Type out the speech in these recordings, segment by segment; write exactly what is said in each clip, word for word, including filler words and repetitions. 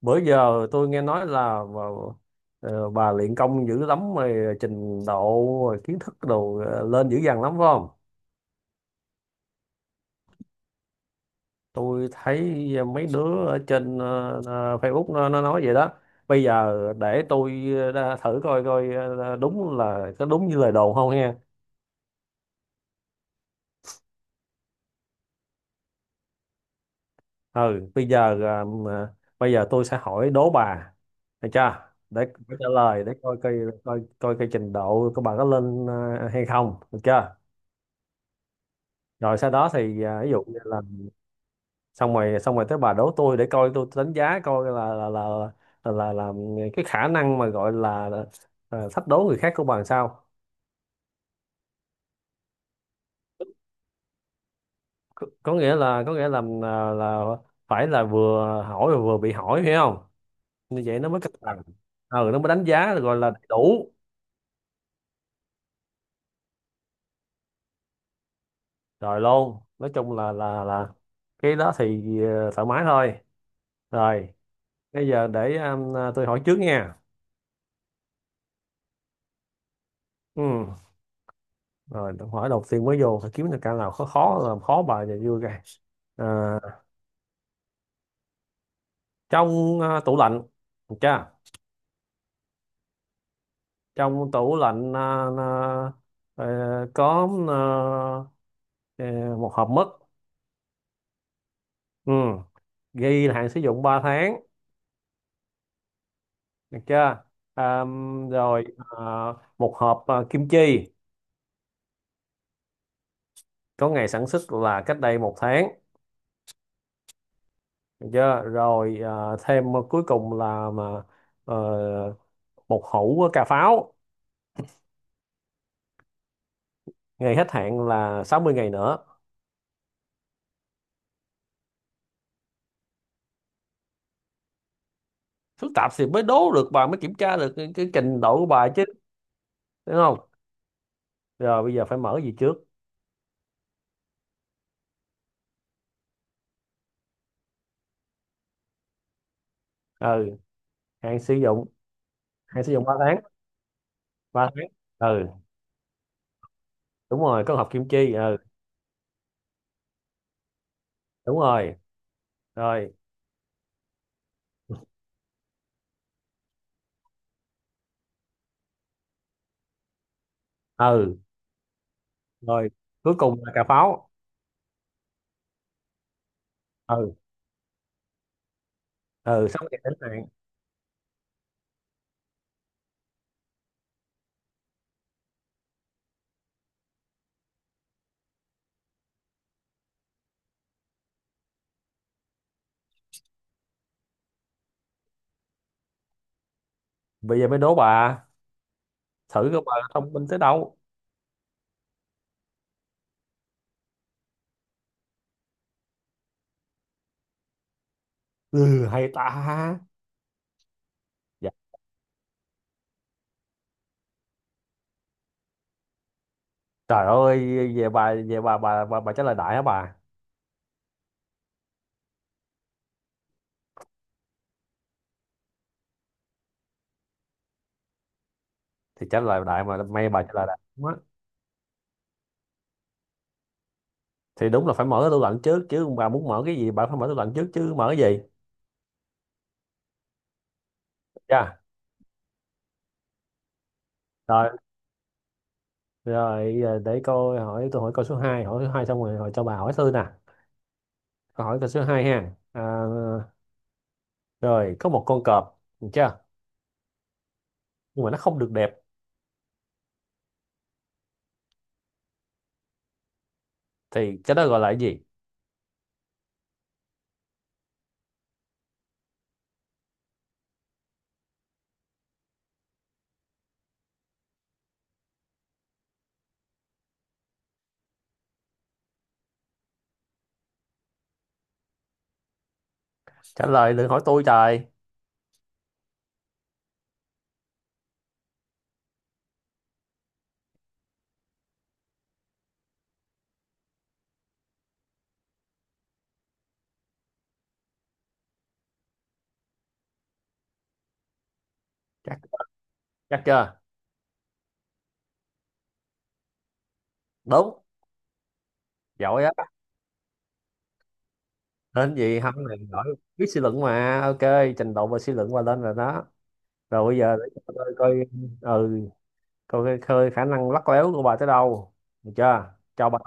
Bữa giờ tôi nghe nói là bà, ờ, bà luyện công dữ lắm rồi, trình độ rồi kiến thức đồ ờ, lên dữ dằn lắm phải không? Tôi thấy ờ, mấy đứa ở trên ờ, ờ, Facebook nó, nó nói vậy đó. Bây giờ để tôi ờ, thử coi coi ờ, đúng là có đúng như lời đồn không nha. Ừ, bây giờ ờ, mà- bây giờ tôi sẽ hỏi đố bà, được chưa? Để để trả lời để coi coi coi coi cái trình độ của bà có lên ờ, hay không, được chưa? Rồi sau đó thì à, ví dụ như là xong rồi xong rồi tới bà đố tôi, để coi tôi đánh giá coi là là là là là, là cái khả năng mà gọi là ờ, thách đố người khác của bà làm sao. Có, có nghĩa là có nghĩa là là, là phải là vừa hỏi và vừa bị hỏi, hiểu không? Như vậy nó mới cân bằng. Ừ, nó mới đánh giá gọi là đầy đủ. Rồi luôn, nói chung là là là cái đó thì ờ, thoải mái thôi. Rồi bây giờ để um, tôi hỏi trước nha. Ừ. Rồi câu hỏi đầu tiên mới vô phải kiếm được cái nào khó khó, làm khó bà và vui cái. À, Trong à, tủ lạnh, được chưa? Trong tủ lạnh à, à, ờ, có à, ờ, một hộp mứt. Ừ. Ghi là hạn sử dụng ba tháng, được chưa? À, Rồi à, một hộp à, kim chi, có ngày sản xuất là cách đây một tháng, được chưa? Rồi à, thêm cuối cùng là mà ờ, một hũ cà pháo, ngày hết hạn là sáu mươi ngày nữa. Phức tạp thì mới đố được bà, mới kiểm tra được cái, cái trình độ của bà chứ, đúng. Rồi bây giờ phải mở gì trước? Ừ, hạn sử dụng, hạn sử dụng ba tháng, ba tháng. Ừ, đúng rồi, có hộp kim chi. Ừ, đúng rồi. Rồi. Ừ, rồi cuối cùng là cà pháo. Ừ. Ừ, sắp kẹt đến hạn. Bây giờ mới đố bà, thử coi bà thông minh tới đâu. Ừ, hay ta. Dạ. Trời ơi, về bà về bà bà bà, bà trả lời đại hả bà? Thì trả lời đại mà, may bà trả lời đại đúng á. Thì đúng là phải mở cái tủ lạnh trước chứ, bà muốn mở cái gì bà phải mở tủ lạnh trước chứ, mở cái gì. Dạ. Rồi. Rồi, giờ để coi, hỏi tôi hỏi câu số hai, hỏi số hai xong rồi, hỏi cho bà, hỏi tôi nè. Câu hỏi câu số hai ha. À, rồi, có một con cọp, được chưa? Nhưng mà nó không được đẹp thì cái đó gọi là cái gì? Trả lời đừng hỏi tôi trời. Chắc chắc chưa? Đúng. Giỏi á. Nên gì không này giỏi, biết suy luận mà. Ok, trình độ và suy luận qua lên rồi đó. Rồi bây giờ để cho tôi coi. Ừ, coi coi coi khả năng lắt léo của bà tới đâu. Được chưa? Cho bà.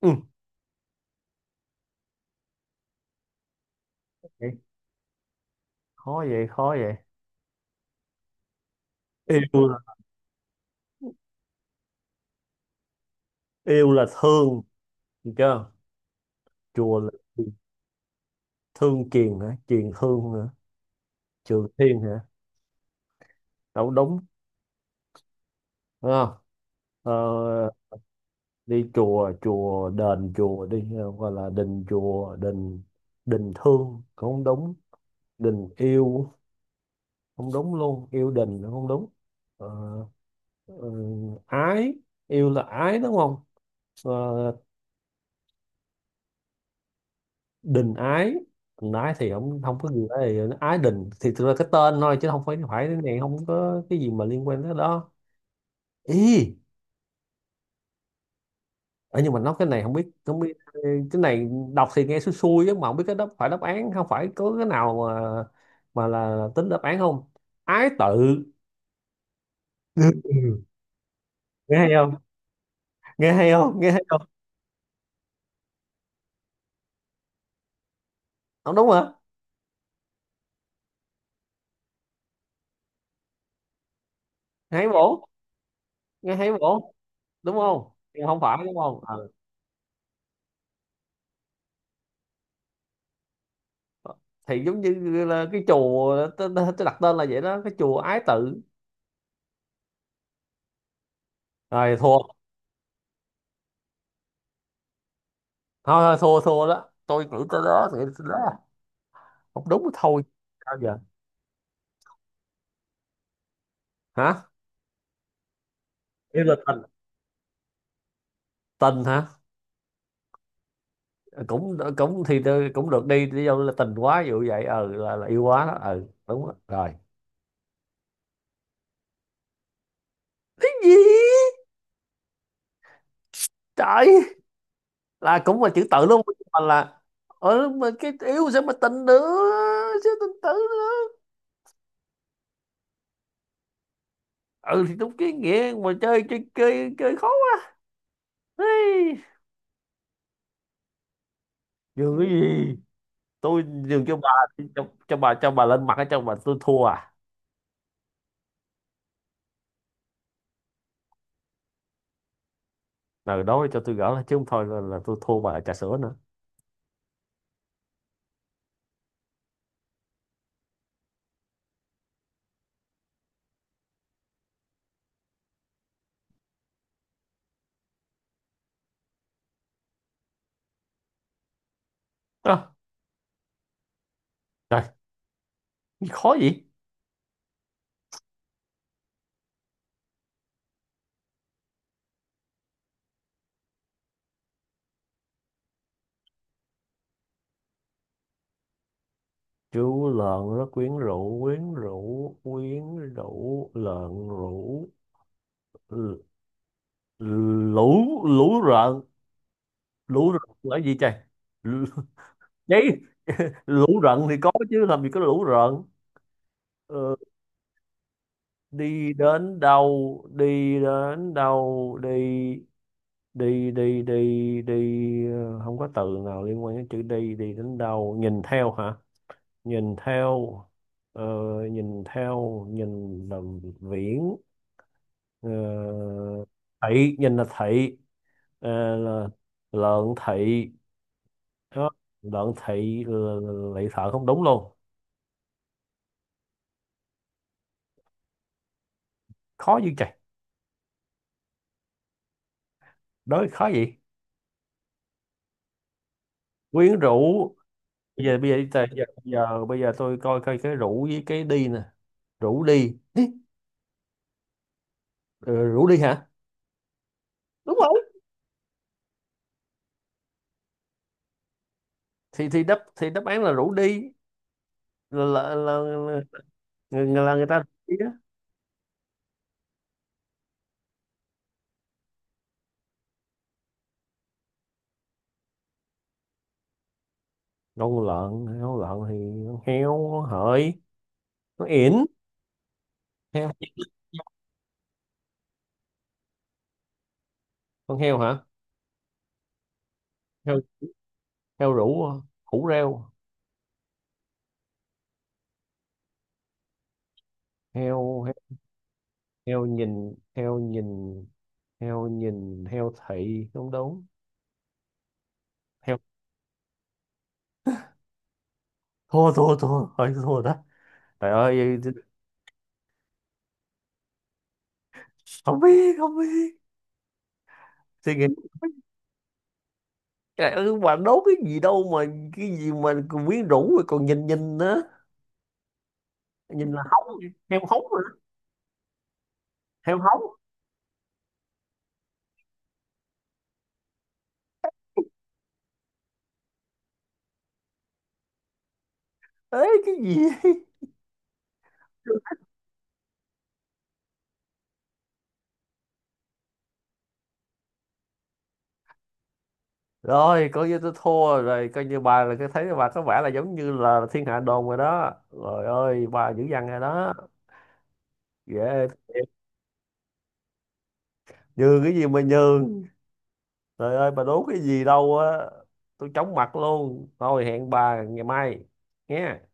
Ừ. Vậy, khó vậy, khó vậy. Yêu là yêu là thương, được chưa? Chùa là Kiền-, Thương Kiền hả? Kiền Thương hả? Trường Thiên hả? Đâu đúng. Đúng không? Ờ, đi chùa, chùa, đền chùa đi. ờ, Gọi là đình chùa, đình đình thương. Không đúng. Đình yêu. Không đúng luôn. Yêu đình là không đúng. Ờ, ờ, Ái. Yêu là ái đúng không? Ờ, Đình ái. Đình ái thì không không có gì ấy. Ái đình thì thực ra cái tên thôi chứ không phải phải cái này không có cái gì mà liên quan tới đó. Ý. Ờ, nhưng mà nó cái này không biết không biết cái này đọc thì nghe xui xui chứ mà không biết cái đó phải đáp án không, phải có cái nào mà mà là tính đáp án không? Ái tự. Ừ. nghe hay không nghe hay không nghe hay không? Không đúng hả? Hay bổ, nghe hay bổ, đúng không? Nhưng không phải đúng không? Ờ. Thì giống như là cái chùa tôi, tôi tôi đặt tên là vậy đó, cái chùa ái tự. Rồi thua. Thôi thôi, thua thua đó, tôi nghĩ tới đó nghĩ tới đó không đúng thì thôi. Sao giờ? Hả? Yêu là tình, tình hả? Cũng cũng thì tôi cũng được đi, đi đâu là tình quá ví dụ vậy, ừ, là, là yêu quá đó, ừ, đúng đó. Rồi. Cái gì? Trời, là cũng là chữ tự luôn mà là, ừ, mà cái yêu sẽ mà tình nữa, sao tình tự nữa? Ừ, thì đúng cái nghĩa mà, chơi chơi chơi chơi khó quá. Ê, dường cái gì, tôi dường cho bà, cho, cho bà cho bà lên mặt cho bà, tôi thua à? Ừ đó, cho tôi gỡ lại chứ không thôi là, là tôi thua bà trà sữa nữa. à, Trời, khó gì. Chú lợn rất quyến rũ, quyến rũ, quyến rũ, lợn rũ, l- lũ, lũ rợn, lũ rợn là gì trời? L- Đấy, lũ rợn thì có chứ làm gì có lũ rợn. Ờ, đi đến đâu, đi đến đâu, đi, đi, đi, đi, đi, ờ, không có từ nào liên quan đến chữ đi, đi đến đâu, nhìn theo hả? Nhìn theo, ờ, nhìn theo, nhìn làm viễn, ờ, thị, nhìn là thị, ờ, là lợn thị đó, lợn thị là- là- lại thợ không đúng luôn. Khó dữ trời, đối khó gì, quyến rũ. Bây giờ bây giờ bây giờ bây giờ, bây giờ tôi coi coi cái rủ với cái đi nè. Rủ đi. Ý, ờ, rủ đi hả, đúng rồi. Thì thì đáp thì đáp án là rủ đi, là là, là, là, người- người- là người ta rủ đi á. Con lợn, con lợn thì con heo, con hợi, con yển, heo, con heo hả? Heo rủ hả? Hủ rêu, heo, heo, heo nhìn, heo nhìn, heo nhìn heo thị không đúng, heo. Thua thua thua, thôi thua đó trời ơi. Không biết không biết, suy nghĩ. Trời ơi, bạn đố cái gì đâu mà, cái gì mà còn quyến rũ rồi còn nhìn nhìn nữa. Nhìn là hóng. Heo hóng rồi đó. Heo hóng. Ấy cái gì. Rồi coi như tôi thua rồi, coi như bà là cái, thấy bà có vẻ là giống như là thiên hạ đồn rồi đó rồi, ơi bà dữ dằn rồi đó, ghê thiệt. Nhường cái gì mà nhường, trời ơi bà đố cái gì đâu á, tôi chóng mặt luôn. Thôi hẹn bà ngày mai nghe.